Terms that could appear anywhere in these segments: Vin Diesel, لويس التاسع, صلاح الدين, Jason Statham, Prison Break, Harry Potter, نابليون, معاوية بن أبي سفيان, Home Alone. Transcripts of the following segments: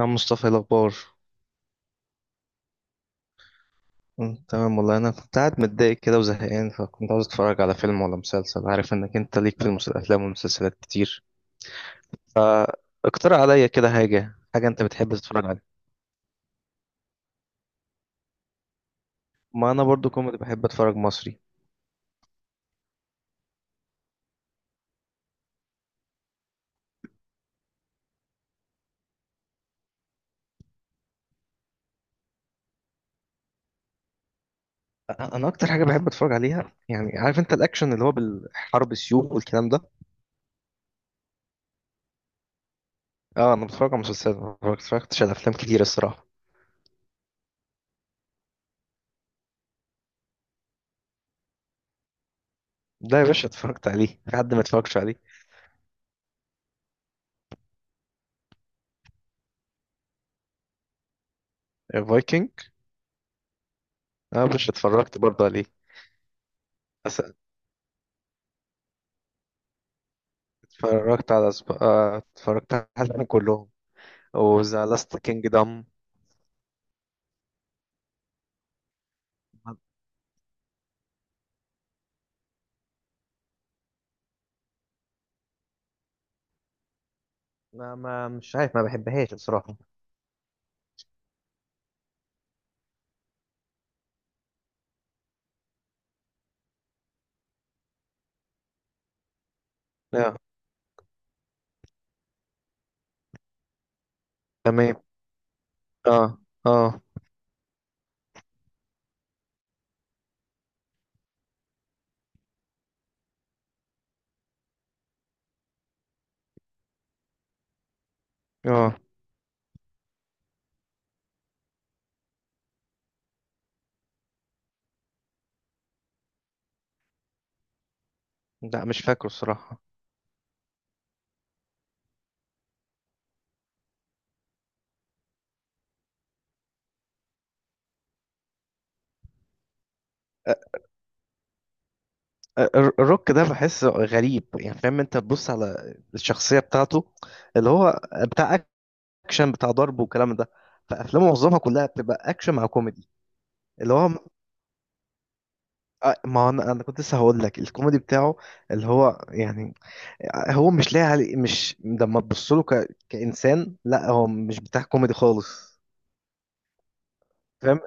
يا مصطفى، إيه الأخبار؟ تمام والله. أنا كنت قاعد متضايق كده وزهقان، فكنت عاوز أتفرج على فيلم ولا مسلسل. عارف إنك أنت ليك في الأفلام والمسلسلات كتير. فاقترح عليا كده حاجة أنت بتحب تتفرج عليها. ما أنا برضو كوميدي، بحب أتفرج مصري. أنا أكتر حاجة بحب أتفرج عليها، يعني عارف أنت، الأكشن اللي هو بالحرب، السيوف والكلام ده. أه، أنا بتفرج على مسلسلات، ما اتفرجتش على أفلام كتير الصراحة. ده يا باشا اتفرجت عليه، في حد ما اتفرجش عليه؟ فايكنج. أه يا باشا، اتفرجت برضه عليه. اتفرجت على سب... آه، اتفرجت عليهم كلهم. وذا لاست كينجدم. ما مش عارف، ما بحبهاش الصراحة. لا. تمام. اه، اه، اه. لا، مش فاكره الصراحة. آه، آه، الروك ده بحسه غريب، يعني فاهم؟ انت تبص على الشخصية بتاعته، اللي هو بتاع اكشن، بتاع ضرب والكلام ده. فافلامه معظمها كلها بتبقى اكشن مع كوميدي. اللي هو ما هو انا كنت لسه هقول لك الكوميدي بتاعه، اللي هو يعني، هو مش لاقي علي، مش لما تبص له كإنسان. لا، هو مش بتاع كوميدي خالص. فاهم؟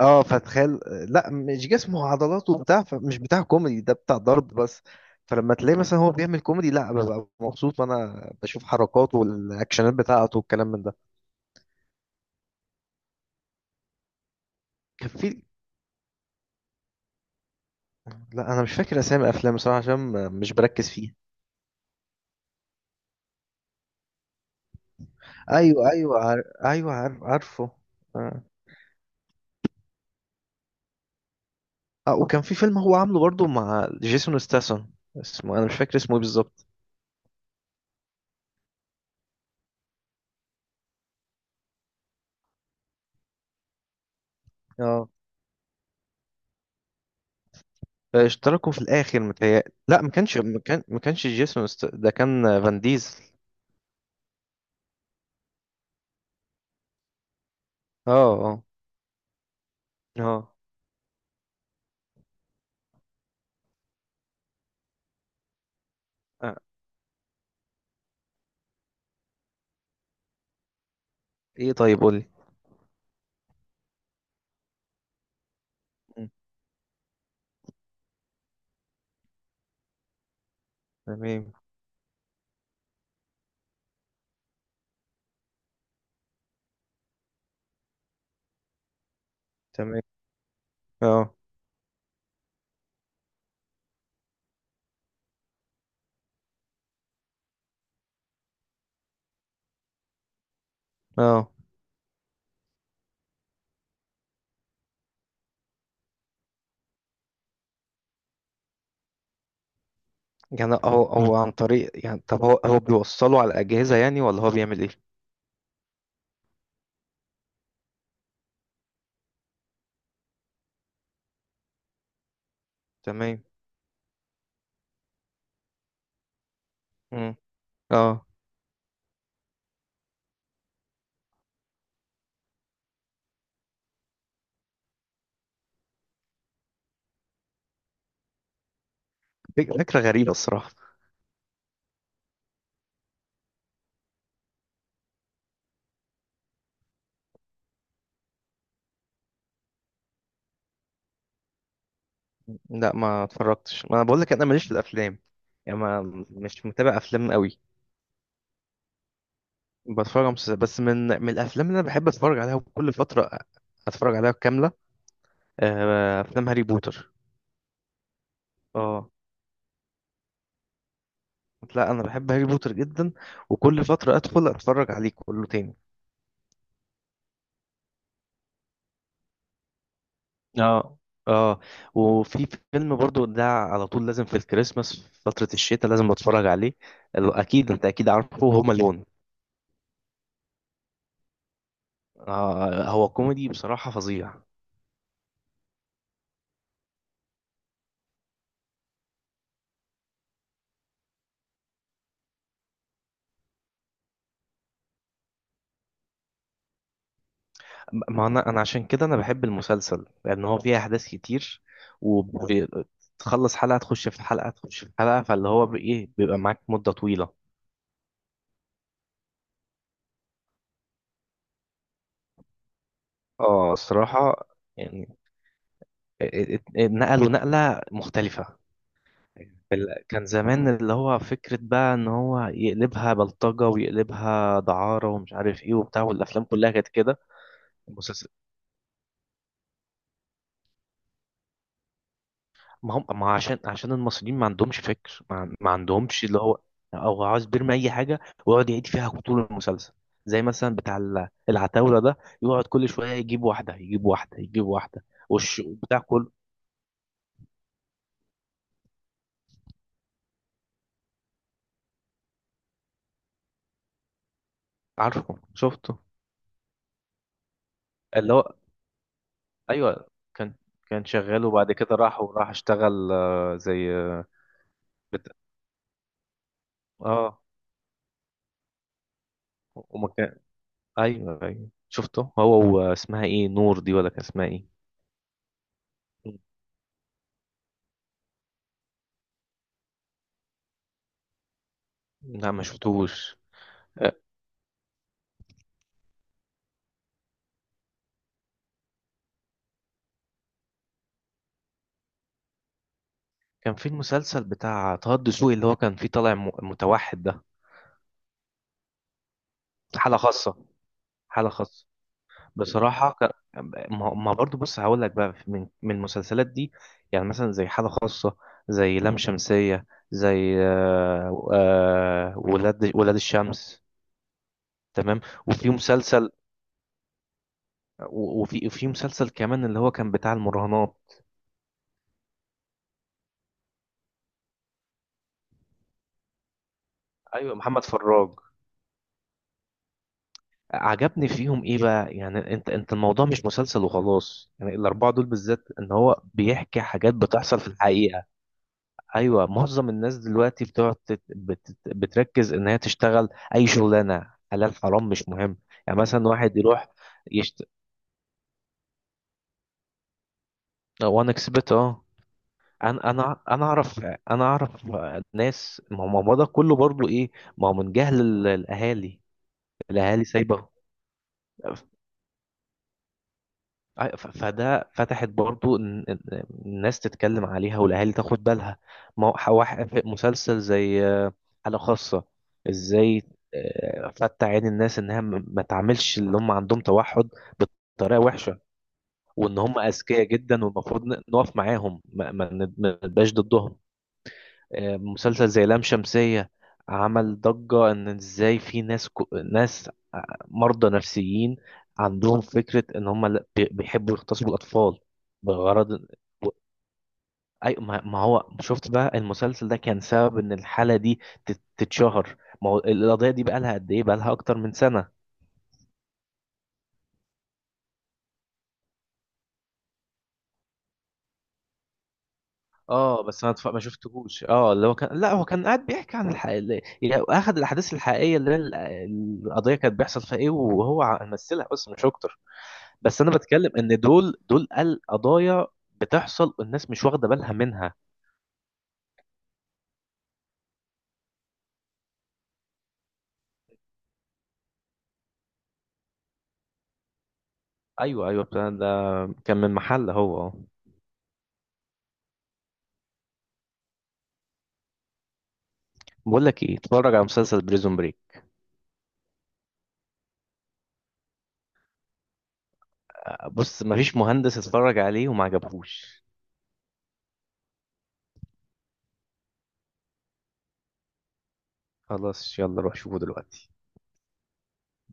اه، فتخيل. لا، مش جسمه وعضلاته وبتاع، فمش بتاع كوميدي، ده بتاع ضرب بس. فلما تلاقي مثلا هو بيعمل كوميدي، لا، ببقى مبسوط وانا بشوف حركاته والاكشنات بتاعته والكلام من ده. كان في. لا، انا مش فاكر اسامي افلام بصراحه، عشان مش بركز فيه. ايوه ايوه ايوه عارف، عارفه. آه. اه، وكان في فيلم هو عامله برضه مع جيسون ستاثام. اسمه انا مش فاكر اسمه ايه بالظبط. اه، اشتركوا في الاخر متهيألي، لا، ما كانش جيسون ده كان فان ديزل. اه، اه، اه. آه، ايه؟ طيب قولي. مم. تمام. تمام. اه. اه، يعني هو عن طريق يعني، طب هو بيوصله على الأجهزة يعني، ولا هو بيعمل ايه؟ تمام. مم. اه. فكرة غريبة الصراحة. لا ما اتفرجتش، ما انا بقول لك انا ماليش في الافلام، يعني ما. مش متابع افلام قوي. بتفرج على مسلسلات بس. من الافلام اللي انا بحب اتفرج عليها كل فترة، اتفرج عليها كاملة، افلام هاري بوتر. اه. لا، انا بحب هاري بوتر جدا، وكل فتره ادخل اتفرج عليه كله تاني. اه، اه. وفي فيلم برضو ده على طول لازم في الكريسماس، في فتره الشتاء لازم اتفرج عليه. اكيد انت، اكيد عارفه، هوم الون. آه، هو كوميدي بصراحه فظيع. ما انا عشان كده انا بحب المسلسل، لان هو فيه احداث كتير، وتخلص حلقه تخش في حلقه تخش في حلقه. فاللي هو بايه، بيبقى معاك مده طويله. اه الصراحه. يعني ات- نقلوا نقلة مختلفة. كان زمان اللي هو فكرة بقى ان هو يقلبها بلطجة ويقلبها دعارة ومش عارف ايه وبتاع، والافلام كلها كانت كده. المسلسل ما هم، ما عشان المصريين ما عندهمش فكر، ما، ما عندهمش اللي هو، او عاوز بيرمي اي حاجة ويقعد يعيد فيها طول المسلسل. زي مثلا بتاع العتاولة ده، يقعد كل شوية يجيب واحدة يجيب واحدة يجيب واحدة والش بتاع كله. عارفه، شفته. اللي هو، ايوه. كان. كان شغال، وبعد كده راح وراح اشتغل زي بت... اه وما كان. ايوه ايوه شفته. هو واسمها ايه، نور دي ولا كان اسمها ايه؟ لا ما شفتوش. آه، كان في المسلسل بتاع طه الدسوقي اللي هو كان فيه طالع متوحد ده. حالة خاصة. حالة خاصة. بصراحة ما برضو، بص هقول لك بقى من المسلسلات دي، يعني مثلا زي حالة خاصة، زي لام شمسية، زي ولاد الشمس. تمام. وفي مسلسل، وفي مسلسل كمان اللي هو كان بتاع المراهنات. ايوه، محمد فراج. عجبني فيهم ايه بقى يعني؟ انت الموضوع مش مسلسل وخلاص يعني. الاربعه دول بالذات، ان هو بيحكي حاجات بتحصل في الحقيقه. ايوه، معظم الناس دلوقتي بتقعد بتركز ان هي تشتغل اي شغلانه، حلال حرام مش مهم. يعني مثلا واحد يروح يشت... وان اكسبت، اه. انا، انا اعرف، انا اعرف ناس. ما هو ده كله برضو ايه، ما هو من جهل الاهالي. الاهالي سايبه. فده فتحت برضو إن الناس تتكلم عليها والاهالي تاخد بالها. ما هو في مسلسل زي حالة خاصة، ازاي فتح عين الناس انها ما تعملش اللي هم عندهم توحد بطريقة وحشة، وان هم اذكياء جدا والمفروض نقف معاهم ما نبقاش ضدهم. مسلسل زي لام شمسية عمل ضجة، ان ازاي في ناس ناس مرضى نفسيين عندهم فكرة ان هم بيحبوا يغتصبوا الاطفال بغرض. اي، ما هو شفت بقى المسلسل ده كان سبب ان الحالة دي تتشهر. ما هو القضية دي بقى لها قد ايه؟ بقى لها اكتر من سنة. اه بس انا ما شفتهوش. اه، اللي هو كان، لا هو كان قاعد بيحكي عن الحقيقة، يعني اخذ الاحداث الحقيقية اللي هي القضية، كانت بيحصل فيها ايه وهو مثلها بس مش اكتر. بس انا بتكلم ان دول القضايا بتحصل والناس مش واخده بالها منها. ايوه، ايوه بتاع ده. كان من محل، هو اه. بقول لك ايه، اتفرج على مسلسل بريزون بريك. بص مفيش مهندس اتفرج عليه وما عجبهوش. خلاص، يلا روح شوفه دلوقتي.